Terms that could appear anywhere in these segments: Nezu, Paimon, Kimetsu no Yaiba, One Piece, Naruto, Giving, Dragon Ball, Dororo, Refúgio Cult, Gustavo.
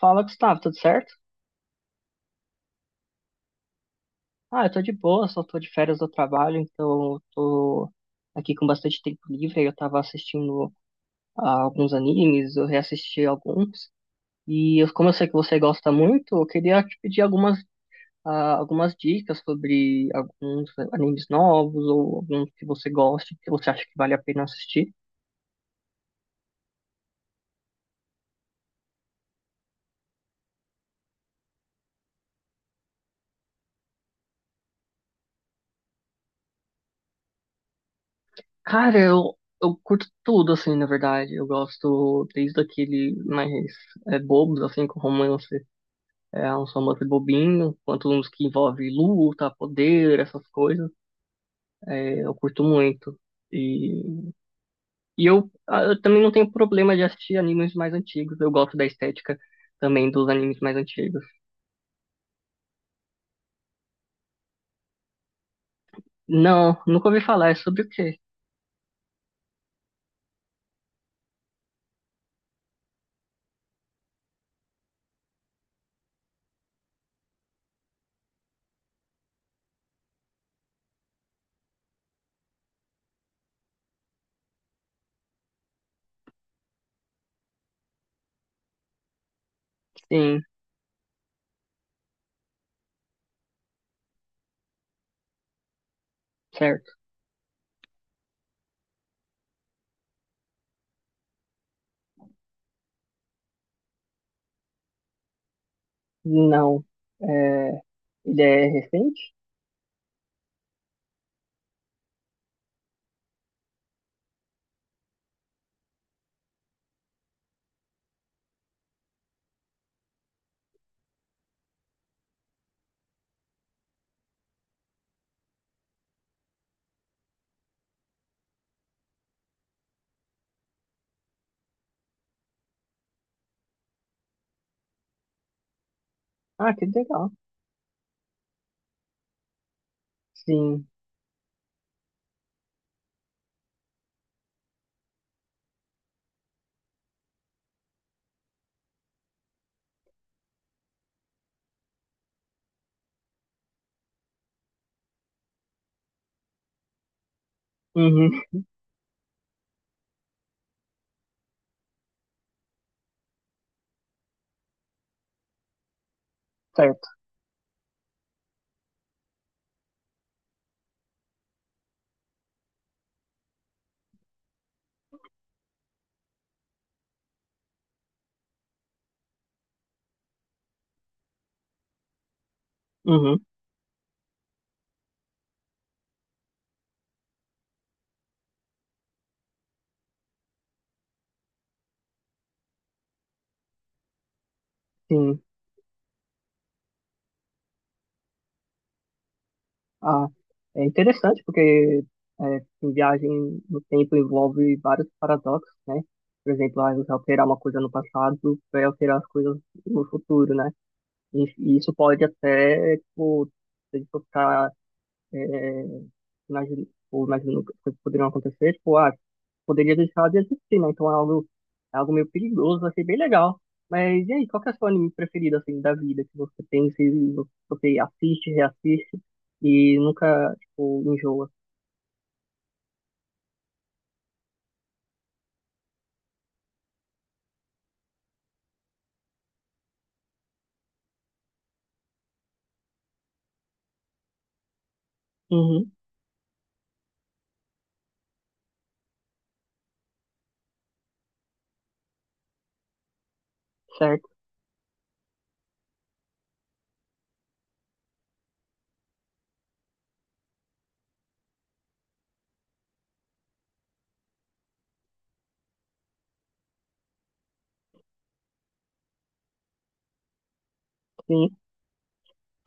Fala, Gustavo, tudo certo? Eu tô de boa, só tô de férias do trabalho, então eu tô aqui com bastante tempo livre. Aí eu tava assistindo alguns animes, eu reassisti alguns. Como eu sei que você gosta muito, eu queria te pedir algumas, algumas dicas sobre alguns animes novos ou alguns que você goste, que você acha que vale a pena assistir. Cara, eu, eu curto tudo, assim, na verdade. Eu gosto desde aquele mais bobos, assim, com romance. É um romance bobinho, quanto uns que envolve luta, poder, essas coisas. É, eu curto muito. E, eu também não tenho problema de assistir animes mais antigos. Eu gosto da estética também dos animes mais antigos. Não, nunca ouvi falar. É sobre o quê? Sim, certo. Não. É, ele é recente? Ah, que legal. Sim. Uhum, certo. Uhum, sim. Ah, É interessante porque em viagem no tempo envolve vários paradoxos, né? Por exemplo, você alterar uma coisa no passado vai alterar as coisas no futuro, né? E isso pode até, tipo, se a gente for ficar é, nas, ou nas inúmeras coisas que poderiam acontecer, tipo, poderia deixar de existir, né? É algo meio perigoso, achei bem legal. Mas e aí, qual que é o seu anime preferido, assim, da vida, que você pensa e você assiste, reassiste e nunca, tipo, enjoa? Uhum, certo, sim.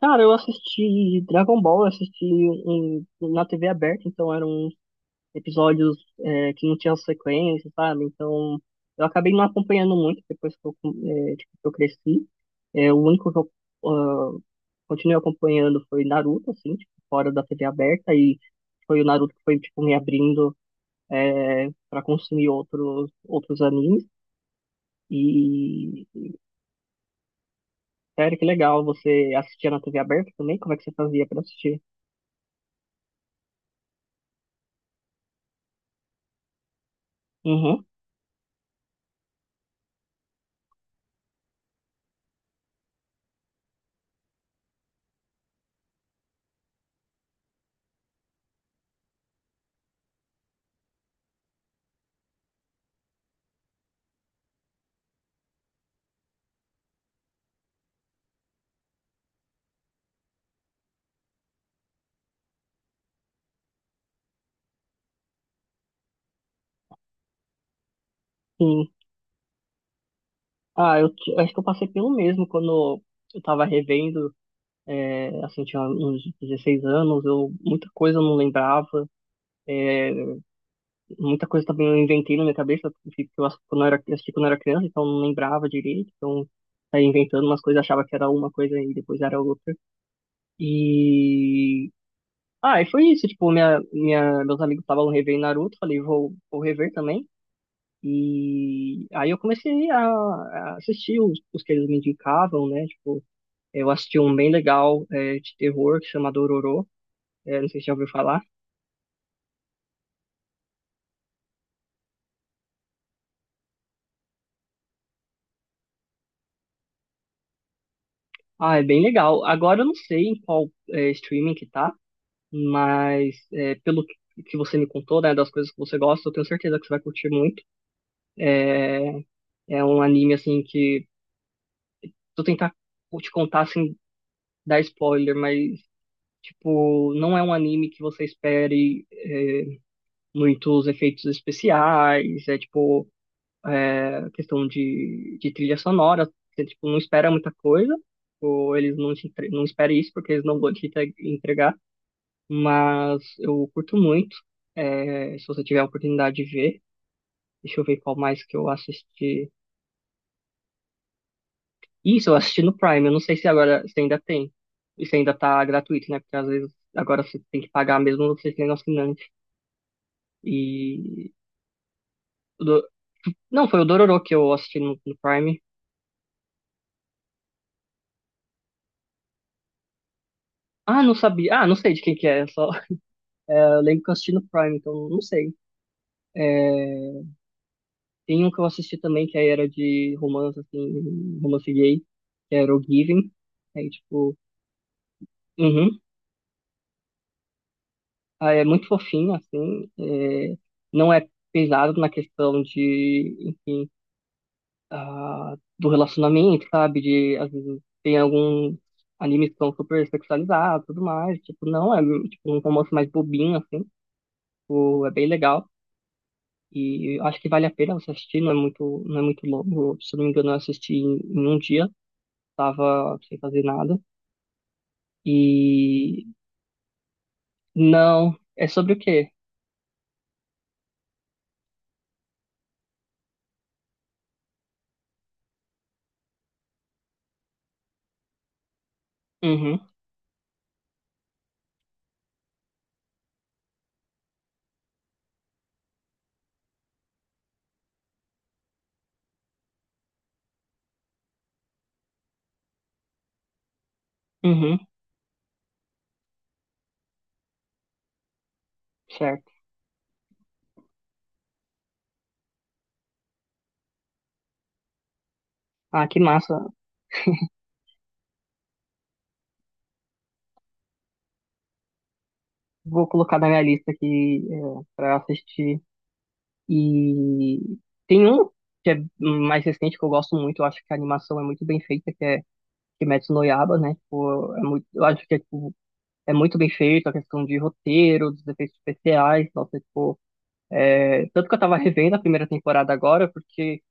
Cara, eu assisti Dragon Ball, eu assisti na TV aberta, então era um episódios que não tinham sequência, sabe? Então, eu acabei não acompanhando muito depois que que eu cresci. É, o único que eu ah, continuei acompanhando foi Naruto, assim, tipo, fora da TV aberta, e foi o Naruto que foi, tipo, me abrindo para consumir outros animes. E, sério, que legal, você assistia na TV aberta também? Como é que você fazia para assistir? Uhum, sim. Eu acho que eu passei pelo mesmo quando eu tava revendo. É, assim, tinha uns 16 anos, eu muita coisa eu não lembrava, é, muita coisa também eu inventei na minha cabeça, porque eu assisti quando assisti quando eu era criança, então eu não lembrava direito, então saía inventando umas coisas, achava que era uma coisa e depois era outra. E. E foi isso, tipo, meus amigos estavam revendo Naruto, falei, vou rever também. E aí eu comecei a, assistir os que eles me indicavam, né? Tipo, eu assisti um bem legal, é, de terror, que chama Dororo. É, não sei se já ouviu falar. Ah, é bem legal. Agora eu não sei em qual streaming que tá, mas é, pelo que você me contou, né, das coisas que você gosta, eu tenho certeza que você vai curtir muito. É, é um anime, assim, que... Se eu tentar te contar, sem dar spoiler, mas, tipo, não é um anime que você espere muitos efeitos especiais, é, tipo, a questão de trilha sonora. Você, tipo, não espera muita coisa, ou eles não, não esperam isso porque eles não vão entregar. Mas eu curto muito. É, se você tiver a oportunidade de ver, deixa eu ver qual mais que eu assisti. Isso, eu assisti no Prime. Eu não sei se agora se ainda tem. E se ainda tá gratuito, né? Porque às vezes agora você tem que pagar mesmo você sendo assinante. E. o do- Não, foi o Dororo que eu assisti no Prime. Ah, não sabia. Ah, não sei de quem que é, só. É, eu lembro que eu assisti no Prime, então não sei. É, tem um que eu assisti também que aí era de romance, assim, romance gay, que era o Giving. Aí, tipo, uhum. Ah, é muito fofinho, assim. Não é pesado na questão de, enfim, do relacionamento, sabe? De, às vezes, tem alguns animes que são super sexualizados e tudo mais. Tipo, não, é tipo, um romance mais bobinho, assim. Tipo, é bem legal. E eu acho que vale a pena você assistir, não é muito, não é muito longo. Se eu não me engano, eu assisti em, em um dia, tava sem fazer nada. E não, é sobre o quê? Uhum, uhum, certo. Ah, que massa. Vou colocar na minha lista aqui, é, pra assistir. E tem um que é mais recente que eu gosto muito, eu acho que a animação é muito bem feita, que é Kimetsu no Yaiba, né? Tipo, é muito, eu acho que é, tipo, é muito bem feito a questão de roteiro, dos efeitos especiais, nossa, tipo, é, tanto que eu tava revendo a primeira temporada agora, porque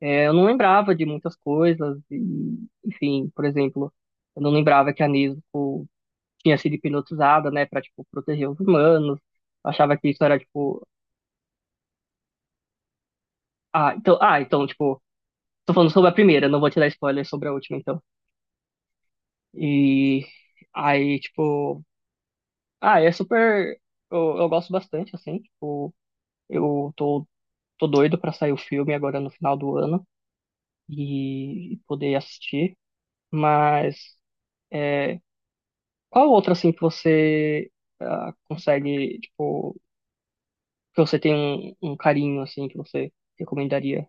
é, eu não lembrava de muitas coisas, e, enfim, por exemplo, eu não lembrava que a Nezu tinha sido hipnotizada, né, pra, tipo, proteger os humanos, achava que isso era, tipo, então, tipo, tô falando sobre a primeira, não vou te dar spoiler sobre a última, então. E aí, tipo, é super. Eu gosto bastante, assim, tipo, eu tô, tô doido pra sair o filme agora no final do ano e, poder assistir. Mas é, qual outra, assim, que você consegue, tipo, que você tem um carinho, assim, que você recomendaria?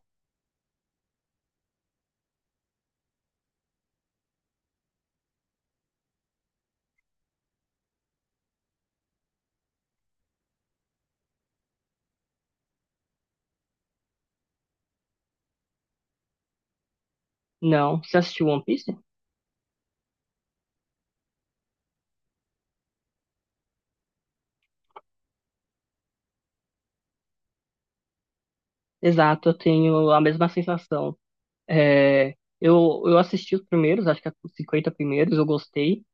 Não, você assistiu One Piece? Exato, eu tenho a mesma sensação. É, eu assisti os primeiros, acho que é os 50 primeiros, eu gostei.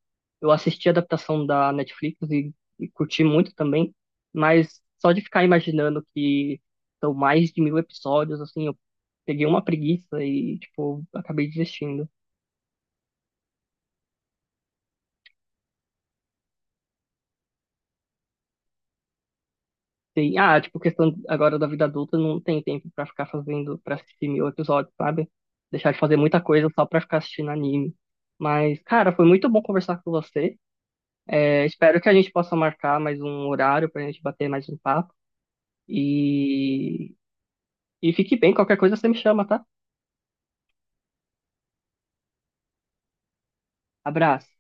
Eu assisti a adaptação da Netflix e curti muito também, mas só de ficar imaginando que são mais de mil episódios, assim, eu peguei uma preguiça e, tipo, acabei desistindo. Tem, tipo, questão agora da vida adulta, não tem tempo pra ficar fazendo, pra assistir mil episódios, sabe? Deixar de fazer muita coisa só pra ficar assistindo anime. Mas, cara, foi muito bom conversar com você. É, espero que a gente possa marcar mais um horário pra gente bater mais um papo. E, e fique bem, qualquer coisa você me chama, tá? Abraço.